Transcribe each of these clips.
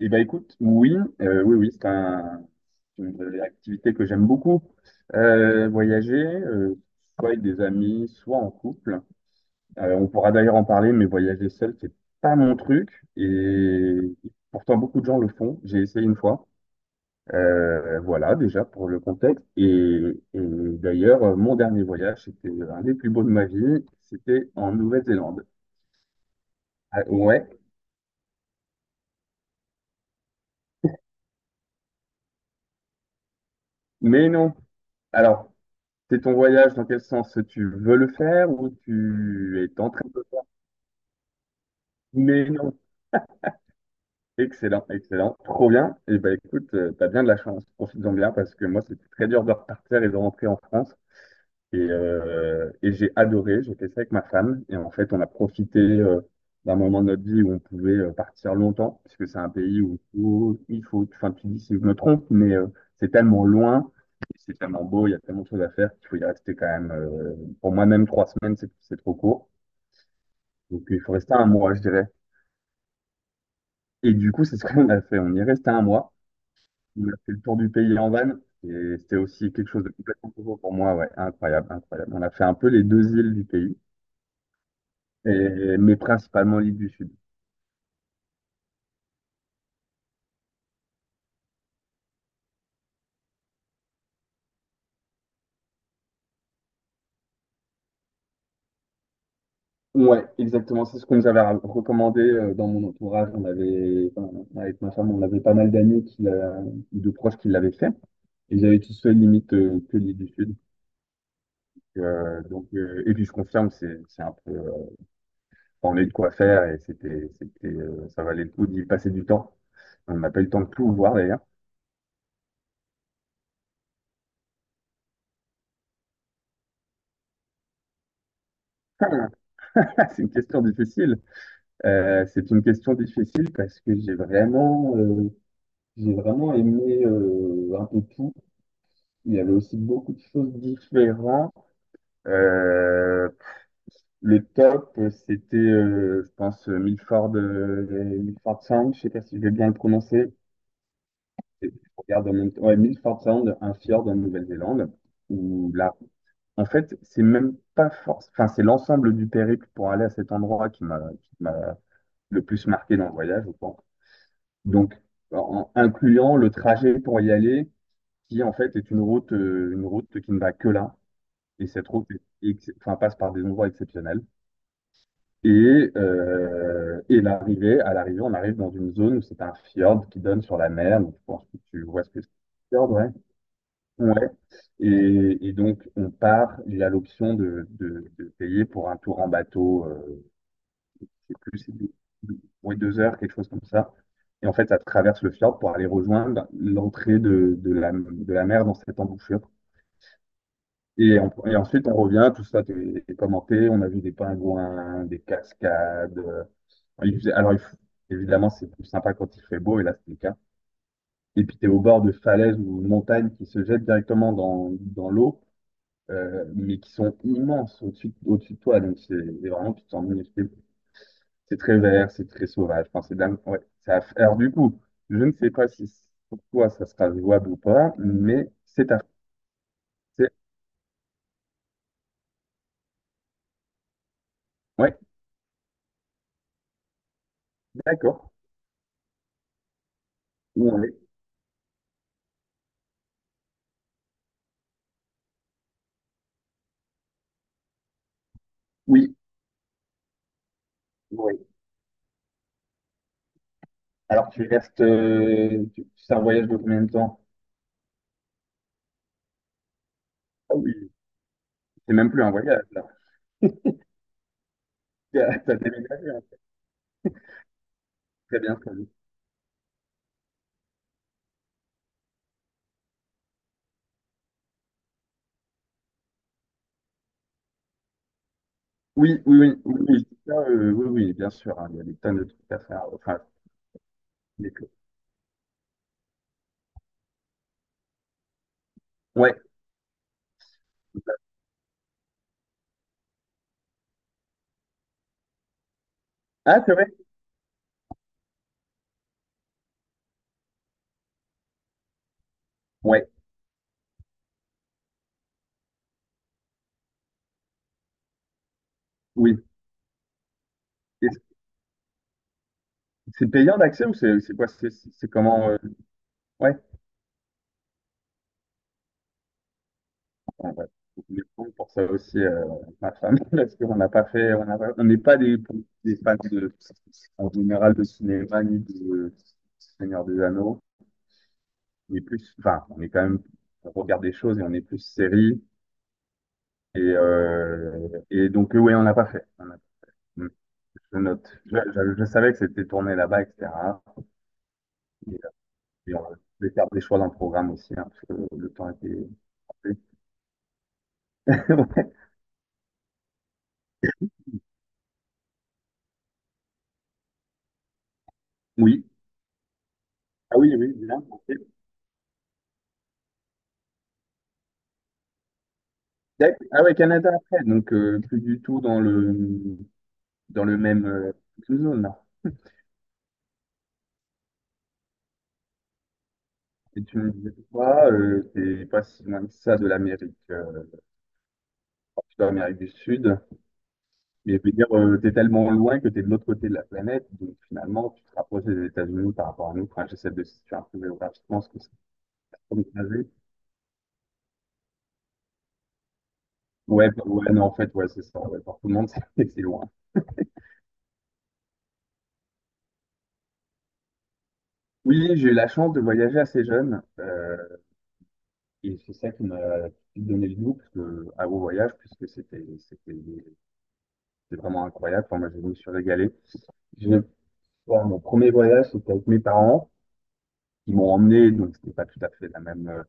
Eh ben écoute, oui, oui, oui, c'est une activité que j'aime beaucoup. Voyager, soit avec des amis, soit en couple. On pourra d'ailleurs en parler, mais voyager seul, c'est pas mon truc. Et pourtant, beaucoup de gens le font. J'ai essayé une fois. Voilà, déjà pour le contexte. Et d'ailleurs, mon dernier voyage, c'était un des plus beaux de ma vie. C'était en Nouvelle-Zélande. Ah, ouais, mais non. Alors, c'est ton voyage, dans quel sens tu veux le faire ou tu es en train de le faire? Mais non. Excellent, excellent, trop bien. Et ben écoute, t'as bien de la chance, profites-en bien parce que moi c'était très dur de repartir et de rentrer en France. Et j'ai adoré, j'ai fait ça avec ma femme. Et en fait, on a profité d'un moment de notre vie où on pouvait partir longtemps, parce que c'est un pays où enfin tu dis si je me trompe, mais c'est tellement loin, c'est tellement beau, il y a tellement de choses à faire qu'il faut y rester quand même. Pour moi-même, trois semaines, c'est trop court. Donc il faut rester un mois, je dirais. Et du coup, c'est ce qu'on a fait. On y est resté un mois. On a fait le tour du pays en van. Et c'était aussi quelque chose de complètement nouveau pour moi. Ouais, incroyable, incroyable. On a fait un peu les deux îles du pays, et, mais principalement l'île du Sud. Ouais, exactement. C'est ce qu'on nous avait recommandé dans mon entourage. On avait, enfin, avec ma femme, on avait pas mal de proches qui l'avaient fait. Et j'avais avaient tous fait limite que l'île du Sud. Et puis je confirme, c'est un peu on a eu de quoi faire et ça valait le coup d'y passer du temps. On n'a pas eu le temps de tout voir d'ailleurs. C'est une question difficile. C'est une question difficile parce que j'ai vraiment aimé un peu tout. Il y avait aussi beaucoup de choses différentes. Euh, le top, c'était, je pense, Milford Sound. Je sais pas si je vais bien le prononcer. Et puis, je regarde en même temps. Ouais, Milford Sound, un fjord en Nouvelle-Zélande, où là, en fait, c'est même pas force. Enfin, c'est l'ensemble du périple pour aller à cet endroit qui m'a le plus marqué dans le voyage, je pense. Donc, en incluant le trajet pour y aller, qui en fait est une route qui ne va que là. Et cette route enfin, passe par des endroits exceptionnels. Et à l'arrivée, on arrive dans une zone où c'est un fjord qui donne sur la mer. Donc, je pense que tu vois ce que c'est. Fjord ouais. Ouais. Et donc, il a l'option de payer pour un tour en bateau, je sais plus, ouais, deux heures, quelque chose comme ça. Et en fait, ça traverse le fjord pour aller rejoindre l'entrée de la mer dans cette embouchure. Et ensuite, on revient, tout ça est commenté, on a vu des pingouins, des cascades. Il faisait- Alors, il f- Évidemment, c'est plus sympa quand il fait beau, et là, c'est le cas. Et puis, tu es au bord de falaises ou montagnes qui se jettent directement dans l'eau. Mais qui sont immenses au-dessus de toi. Donc, c'est vraiment, tu te sens minuscule. C'est très vert, c'est très sauvage. Enfin, c'est dingue. Ouais, ça, du coup, je ne sais pas si c- pour toi ça sera jouable ou pas, mais c'est- Ouais, d'accord. Ouais. Oui, oui. Alors, C'est un voyage de combien de temps? Ah oui, c'est même plus un voyage, là. T'as déménagé, hein. Très bien, très bien. Oui, oui, oui, oui, oui, ça, oui, oui, bien sûr, hein, il y a des tonnes de trucs à faire. Enfin, des trucs. Ouais. Ah, c'est vrai? Ouais. Oui. Et c'est payant l'accès ou c'est quoi? C'est comment? Ouais. Ouais, ouais. Je voulais pour ça aussi ma femme parce qu'on n'a pas fait, on n'a pas- on n'est pas des, des fans de, en général de cinéma ni de Seigneur des Anneaux. On est plus, enfin, on est quand même, on regarde des choses et on est plus série. Et donc, oui, on n'a pas fait. Je note. Je savais que c'était tourné là-bas, etc. Et, euh, et on devait faire des choix dans le programme aussi, hein, parce que le temps était. Oui. Ah oui, oui, bien, ok. Ah ouais, Canada après, donc plus du tout dans le même zone là. Et tu me disais quoi, c'est pas si loin que ça de l'Amérique du Sud. Mais je veux dire, t'es tellement loin que t'es de l'autre côté de la planète, donc finalement tu te rapproches des États-Unis par rapport à nous. Enfin, j'essaie de situer un peu géographiquement ce que c'est comme trajet. Ouais, bah, ouais, non, en fait, ouais, c'est ça. Ouais, pour tout le monde, c'est loin. Oui, j'ai eu la chance de voyager assez jeune. Et c'est ça qui m'a donné le goût parce que, à vos voyages, c'était vraiment incroyable. Enfin, moi, je me suis régalé. J'ai- bon, mon premier voyage, c'était avec mes parents. Ils m'ont emmené, donc c'était pas tout à fait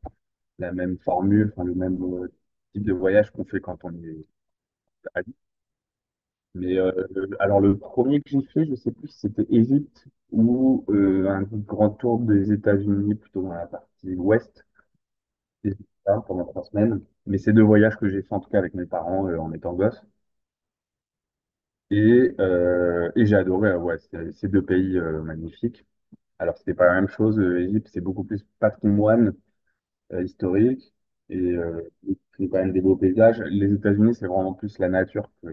la même formule, enfin, le même type de voyage qu'on fait quand on est adulte. Mais alors le premier que j'ai fait, je sais plus si c'était Égypte ou un grand tour des États-Unis, plutôt dans la partie ouest. Et j'ai fait ça pendant trois semaines. Mais c'est deux voyages que j'ai fait en tout cas avec mes parents en étant gosse. Et j'ai adoré, ouais, ces deux pays magnifiques. Alors, c'était pas la même chose. L'Égypte, c'est beaucoup plus patrimoine historique et c'est quand même des beaux paysages. Les États-Unis, c'est vraiment plus la nature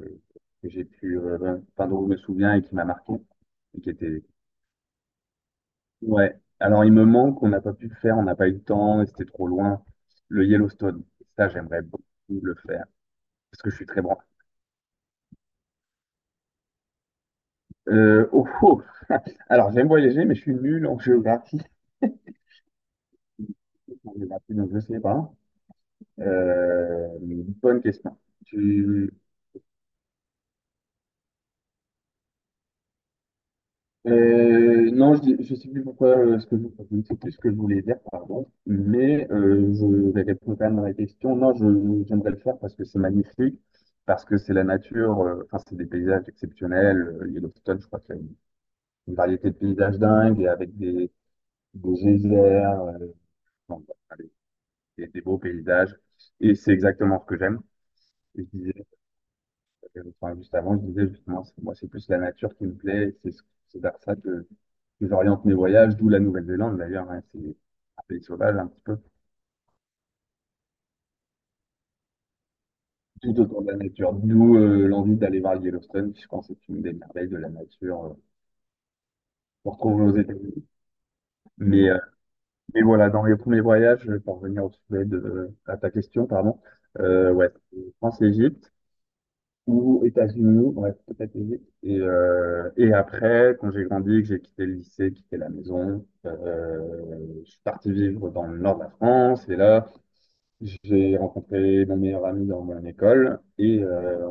que j'ai pu, enfin, dont je me souviens et qui m'a marqué. Et qui était... Ouais. Alors, il me manque, on n'a pas pu le faire, on n'a pas eu le temps et c'était trop loin. Le Yellowstone, ça, j'aimerais beaucoup le faire parce que je suis très branché. Oh, oh. Alors, j'aime voyager, mais je suis nul en géographie. Donc, je sais pas. Euh, Bonne question. Tu- non, je sais plus pourquoi je ne sais plus ce que je voulais dire, pardon. Mais je vais répondre quand même à la question. Non, j'aimerais le faire parce que c'est magnifique, parce que c'est la nature. Enfin, c'est des paysages exceptionnels. Yellowstone, je crois qu'il y a une variété de paysages dingues et avec des geysers. Enfin, des beaux paysages. Et c'est exactement ce que j'aime. Et je disais, enfin, juste avant, je disais justement, moi, c'est plus la nature qui me plaît. C'est vers ça que j'oriente mes voyages, d'où la Nouvelle-Zélande d'ailleurs, hein. C'est un pays sauvage un petit peu, tout autour de la nature. D'où l'envie d'aller voir le Yellowstone, qui je pense est une des merveilles de la nature qu'on retrouve aux États-Unis. Mais, euh, mais voilà, dans les premiers voyages, pour revenir au sujet de, à ta question, pardon, ouais, France-Égypte ou États-Unis, ouais, et après, quand j'ai grandi, que j'ai quitté le lycée, quitté la maison, je suis parti vivre dans le nord de la France. Et là, j'ai rencontré mon meilleur ami dans mon école.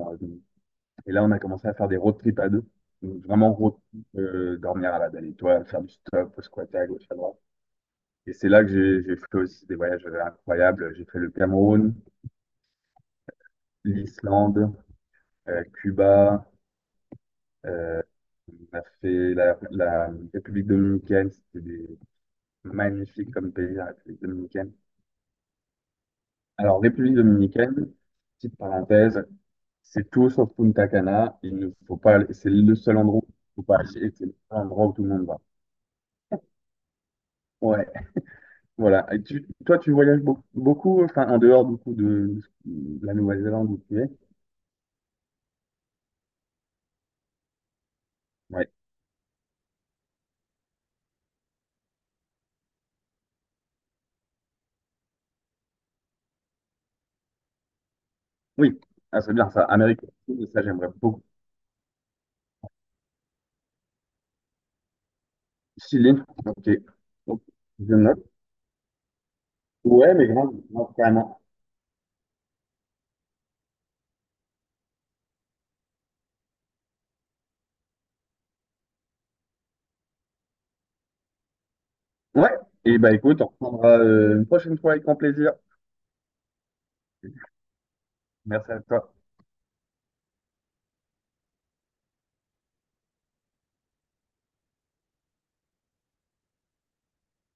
Et là, on a commencé à faire des road trips à deux. Donc, vraiment road trip, dormir à la belle étoile, faire du stop, squatter à gauche, à droite. Et c'est là que j'ai fait aussi des voyages incroyables. J'ai fait le Cameroun, l'Islande, Cuba. Euh, on a fait la République dominicaine, magnifique comme pays, la République dominicaine. Alors, République dominicaine, petite parenthèse, c'est tout sauf Punta Cana. Il ne faut pas, aller- C'est le seul endroit où il faut pas aller, et c'est le seul endroit où tout le monde va. Ouais, voilà. Et tu, toi, tu voyages beaucoup, beaucoup, enfin, en dehors du coup de la Nouvelle-Zélande où tu es. Ouais. Oui, ah, c'est bien ça. Amérique latine, ça j'aimerais beaucoup. Chili, ok. Ok, je note. Ouais, mais grave, grave, carrément. Ouais, et bah écoute, on reprendra une prochaine fois avec grand plaisir. Merci à toi.